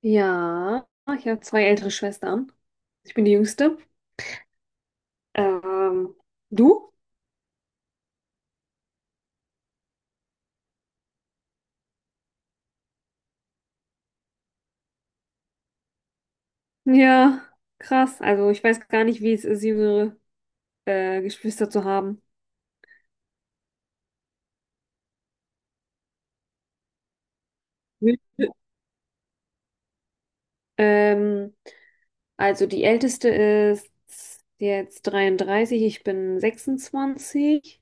Ja, ich habe zwei ältere Schwestern. Ich bin die jüngste. Ähm, du? Ja, krass. Also ich weiß gar nicht, wie es ist, jüngere Geschwister zu haben. Mhm. Ähm, also die älteste ist jetzt 33, ich bin 26,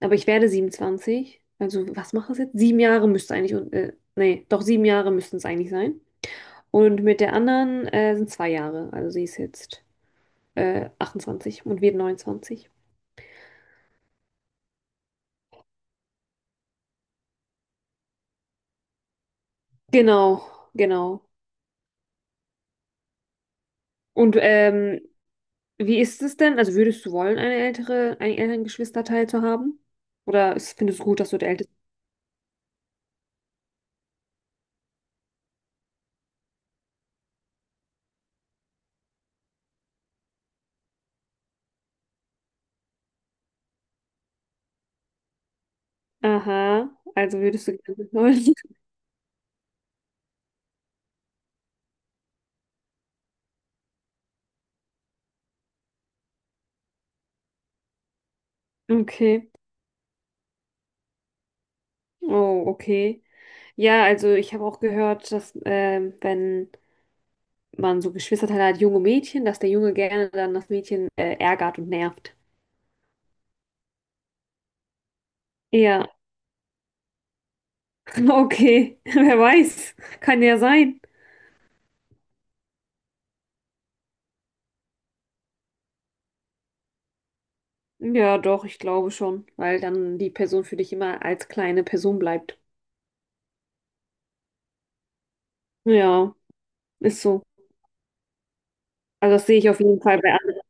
aber ich werde 27. Also was mache ich jetzt? Sieben Jahre müsste eigentlich, und, nee, doch sieben Jahre müssten es eigentlich sein. Und mit der anderen sind zwei Jahre. Also sie ist jetzt 28 und wir 29. Genau, genau. Und wie ist es denn? Also würdest du wollen, eine ältere, einen älteren Geschwisterteil zu haben? Oder findest du gut, dass du der Älteste bist? Aha, also würdest du gerne wollen. Okay. Oh, okay. Ja, also ich habe auch gehört, dass wenn man so Geschwisterteile hat, junge Mädchen, dass der Junge gerne dann das Mädchen ärgert und nervt. Ja, okay. Wer weiß. Kann ja sein. Ja, doch, ich glaube schon, weil dann die Person für dich immer als kleine Person bleibt. Ja, ist so. Also das sehe ich auf jeden Fall bei anderen.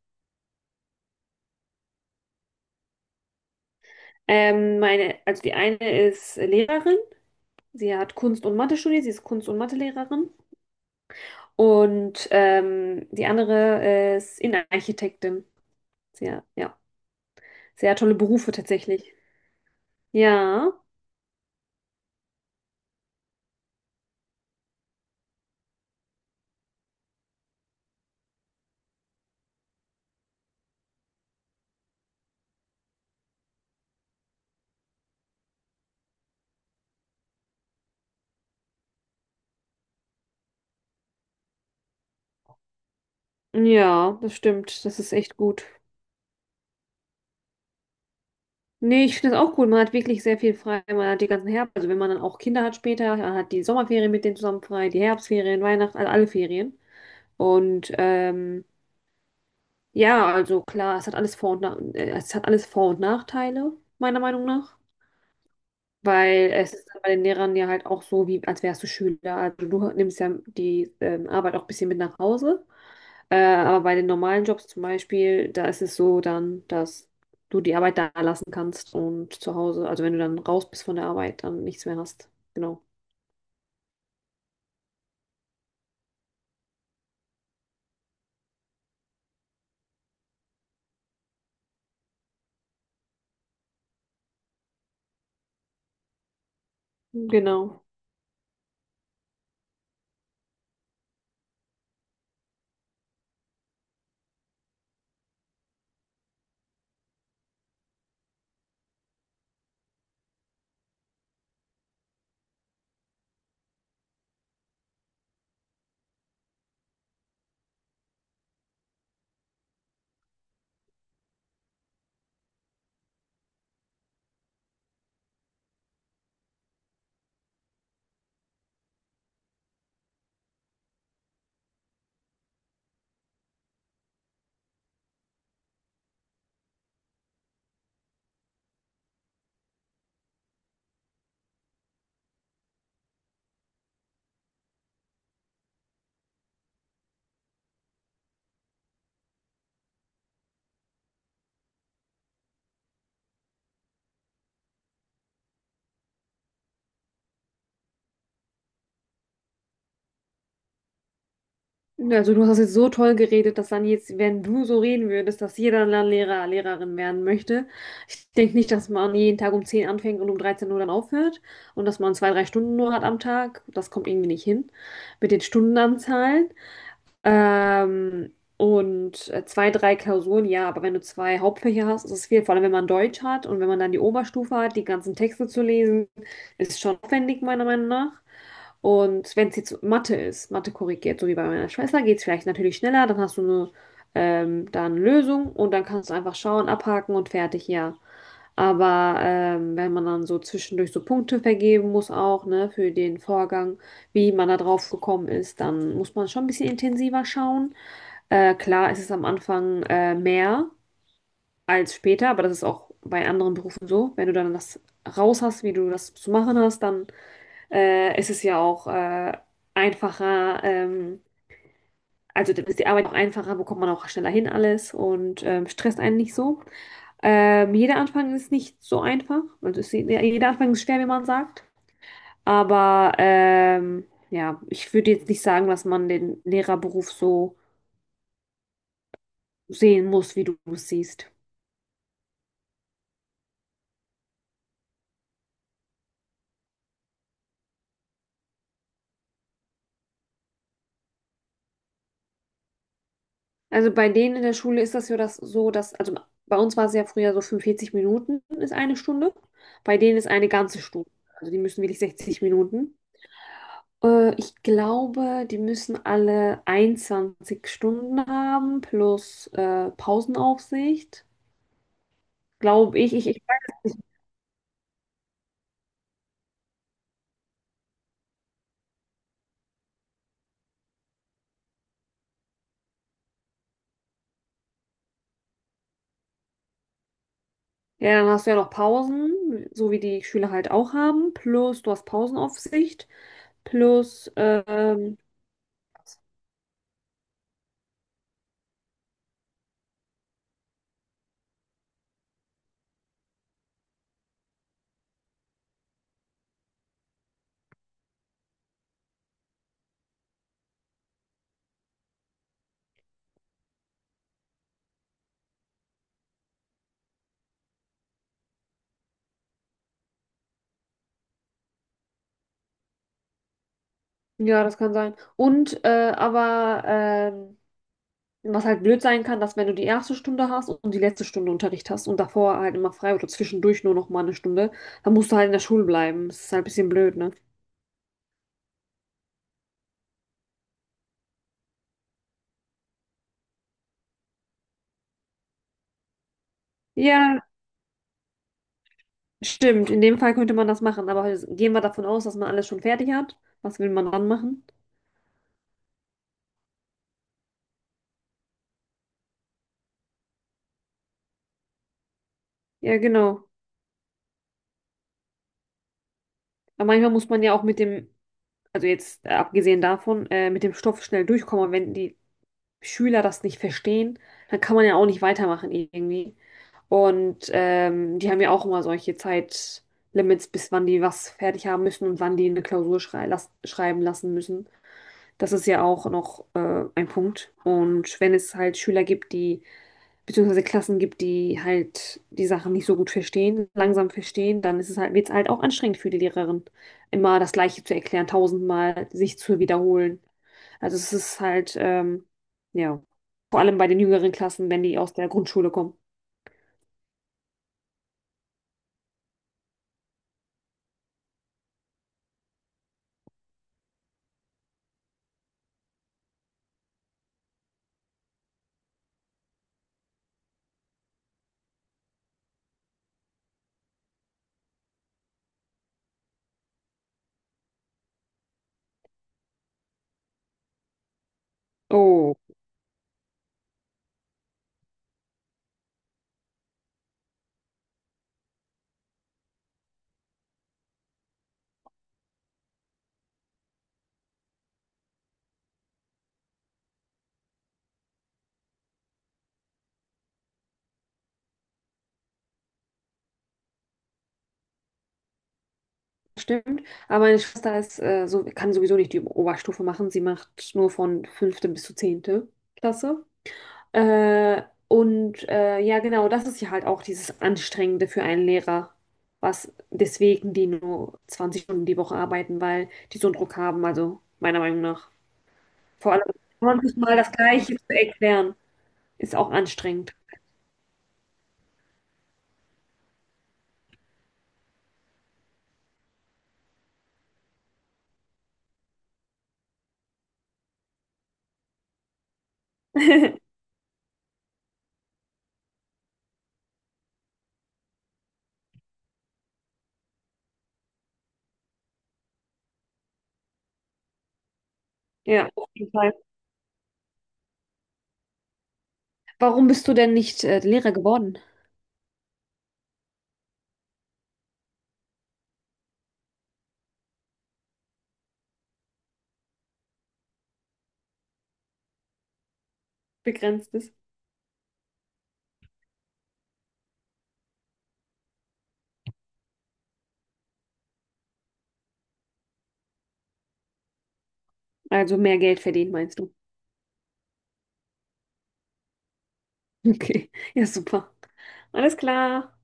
Meine, also die eine ist Lehrerin, sie hat Kunst und Mathe studiert, sie ist Kunst- und Mathelehrerin. Und die andere ist Innenarchitektin. Sehr, ja, sehr tolle Berufe tatsächlich. Ja, ja, das stimmt, das ist echt gut. Nee, ich finde das auch cool. Man hat wirklich sehr viel frei. Man hat die ganzen Herbst, also wenn man dann auch Kinder hat später, man hat die Sommerferien mit denen zusammen frei, die Herbstferien, Weihnachten, also alle Ferien. Und ja, also klar, es hat alles Vor- und Nachteile, meiner Meinung nach. Weil es ist bei den Lehrern ja halt auch so, wie als wärst du Schüler. Also du nimmst ja die Arbeit auch ein bisschen mit nach Hause. Aber bei den normalen Jobs zum Beispiel, da ist es so dann, dass du die Arbeit da lassen kannst und zu Hause, also wenn du dann raus bist von der Arbeit, dann nichts mehr hast. Genau. Genau. Also du hast jetzt so toll geredet, dass dann jetzt, wenn du so reden würdest, dass jeder dann Lehrer, Lehrerin werden möchte. Ich denke nicht, dass man jeden Tag um 10 anfängt und um 13 Uhr dann aufhört und dass man zwei, drei Stunden nur hat am Tag. Das kommt irgendwie nicht hin mit den Stundenanzahlen. Zwei, drei Klausuren, ja, aber wenn du zwei Hauptfächer hast, ist es viel. Vor allem, wenn man Deutsch hat und wenn man dann die Oberstufe hat, die ganzen Texte zu lesen, ist schon aufwendig, meiner Meinung nach. Und wenn es jetzt Mathe ist, Mathe korrigiert, so wie bei meiner Schwester, geht es vielleicht natürlich schneller, dann hast du eine dann Lösung und dann kannst du einfach schauen, abhaken und fertig, ja. Aber wenn man dann so zwischendurch so Punkte vergeben muss auch, ne, für den Vorgang, wie man da drauf gekommen ist, dann muss man schon ein bisschen intensiver schauen. Klar, es ist es am Anfang mehr als später, aber das ist auch bei anderen Berufen so. Wenn du dann das raus hast, wie du das zu machen hast, dann ist es ja auch einfacher. Also dann ist die Arbeit auch einfacher, bekommt man auch schneller hin alles und stresst einen nicht so. Jeder Anfang ist nicht so einfach. Ja, jeder Anfang ist schwer, wie man sagt. Aber ja, ich würde jetzt nicht sagen, dass man den Lehrerberuf so sehen muss, wie du es siehst. Also bei denen in der Schule ist das ja das so, dass, also bei uns war es ja früher so 45 Minuten ist eine Stunde. Bei denen ist eine ganze Stunde. Also die müssen wirklich 60 Minuten. Ich glaube, die müssen alle 21 Stunden haben plus Pausenaufsicht. Glaube ich, ich. Ja, dann hast du ja noch Pausen, so wie die Schüler halt auch haben. Plus, du hast Pausenaufsicht. Plus, ähm, ja, das kann sein. Was halt blöd sein kann, dass wenn du die erste Stunde hast und die letzte Stunde Unterricht hast und davor halt immer frei oder zwischendurch nur noch mal eine Stunde, dann musst du halt in der Schule bleiben. Das ist halt ein bisschen blöd, ne? Ja, stimmt. In dem Fall könnte man das machen. Aber gehen wir davon aus, dass man alles schon fertig hat. Was will man dann machen? Ja, genau. Aber manchmal muss man ja auch mit dem also jetzt abgesehen davon, mit dem Stoff schnell durchkommen. Und wenn die Schüler das nicht verstehen, dann kann man ja auch nicht weitermachen irgendwie. Und die haben ja auch immer solche Zeitlimits, bis wann die was fertig haben müssen und wann die eine Klausur schreiben lassen müssen. Das ist ja auch noch ein Punkt. Und wenn es halt Schüler gibt, die beziehungsweise Klassen gibt, die halt die Sachen nicht so gut verstehen, langsam verstehen, dann ist es halt, wird es halt auch anstrengend für die Lehrerin, immer das Gleiche zu erklären, tausendmal sich zu wiederholen. Also es ist halt, ähm, ja, vor allem bei den jüngeren Klassen, wenn die aus der Grundschule kommen. Oh, stimmt. Aber meine Schwester ist, kann sowieso nicht die Oberstufe machen. Sie macht nur von fünfte bis zur zehnte Klasse. Äh, ja, genau, das ist ja halt auch dieses Anstrengende für einen Lehrer, was deswegen die nur 20 Stunden die Woche arbeiten, weil die so einen Druck haben, also meiner Meinung nach. Vor allem 20 Mal das Gleiche zu erklären, ist auch anstrengend. Ja, auf jeden Fall. Warum bist du denn nicht Lehrer geworden? Begrenztes. Also mehr Geld verdienen, meinst du? Okay, ja, super. Alles klar.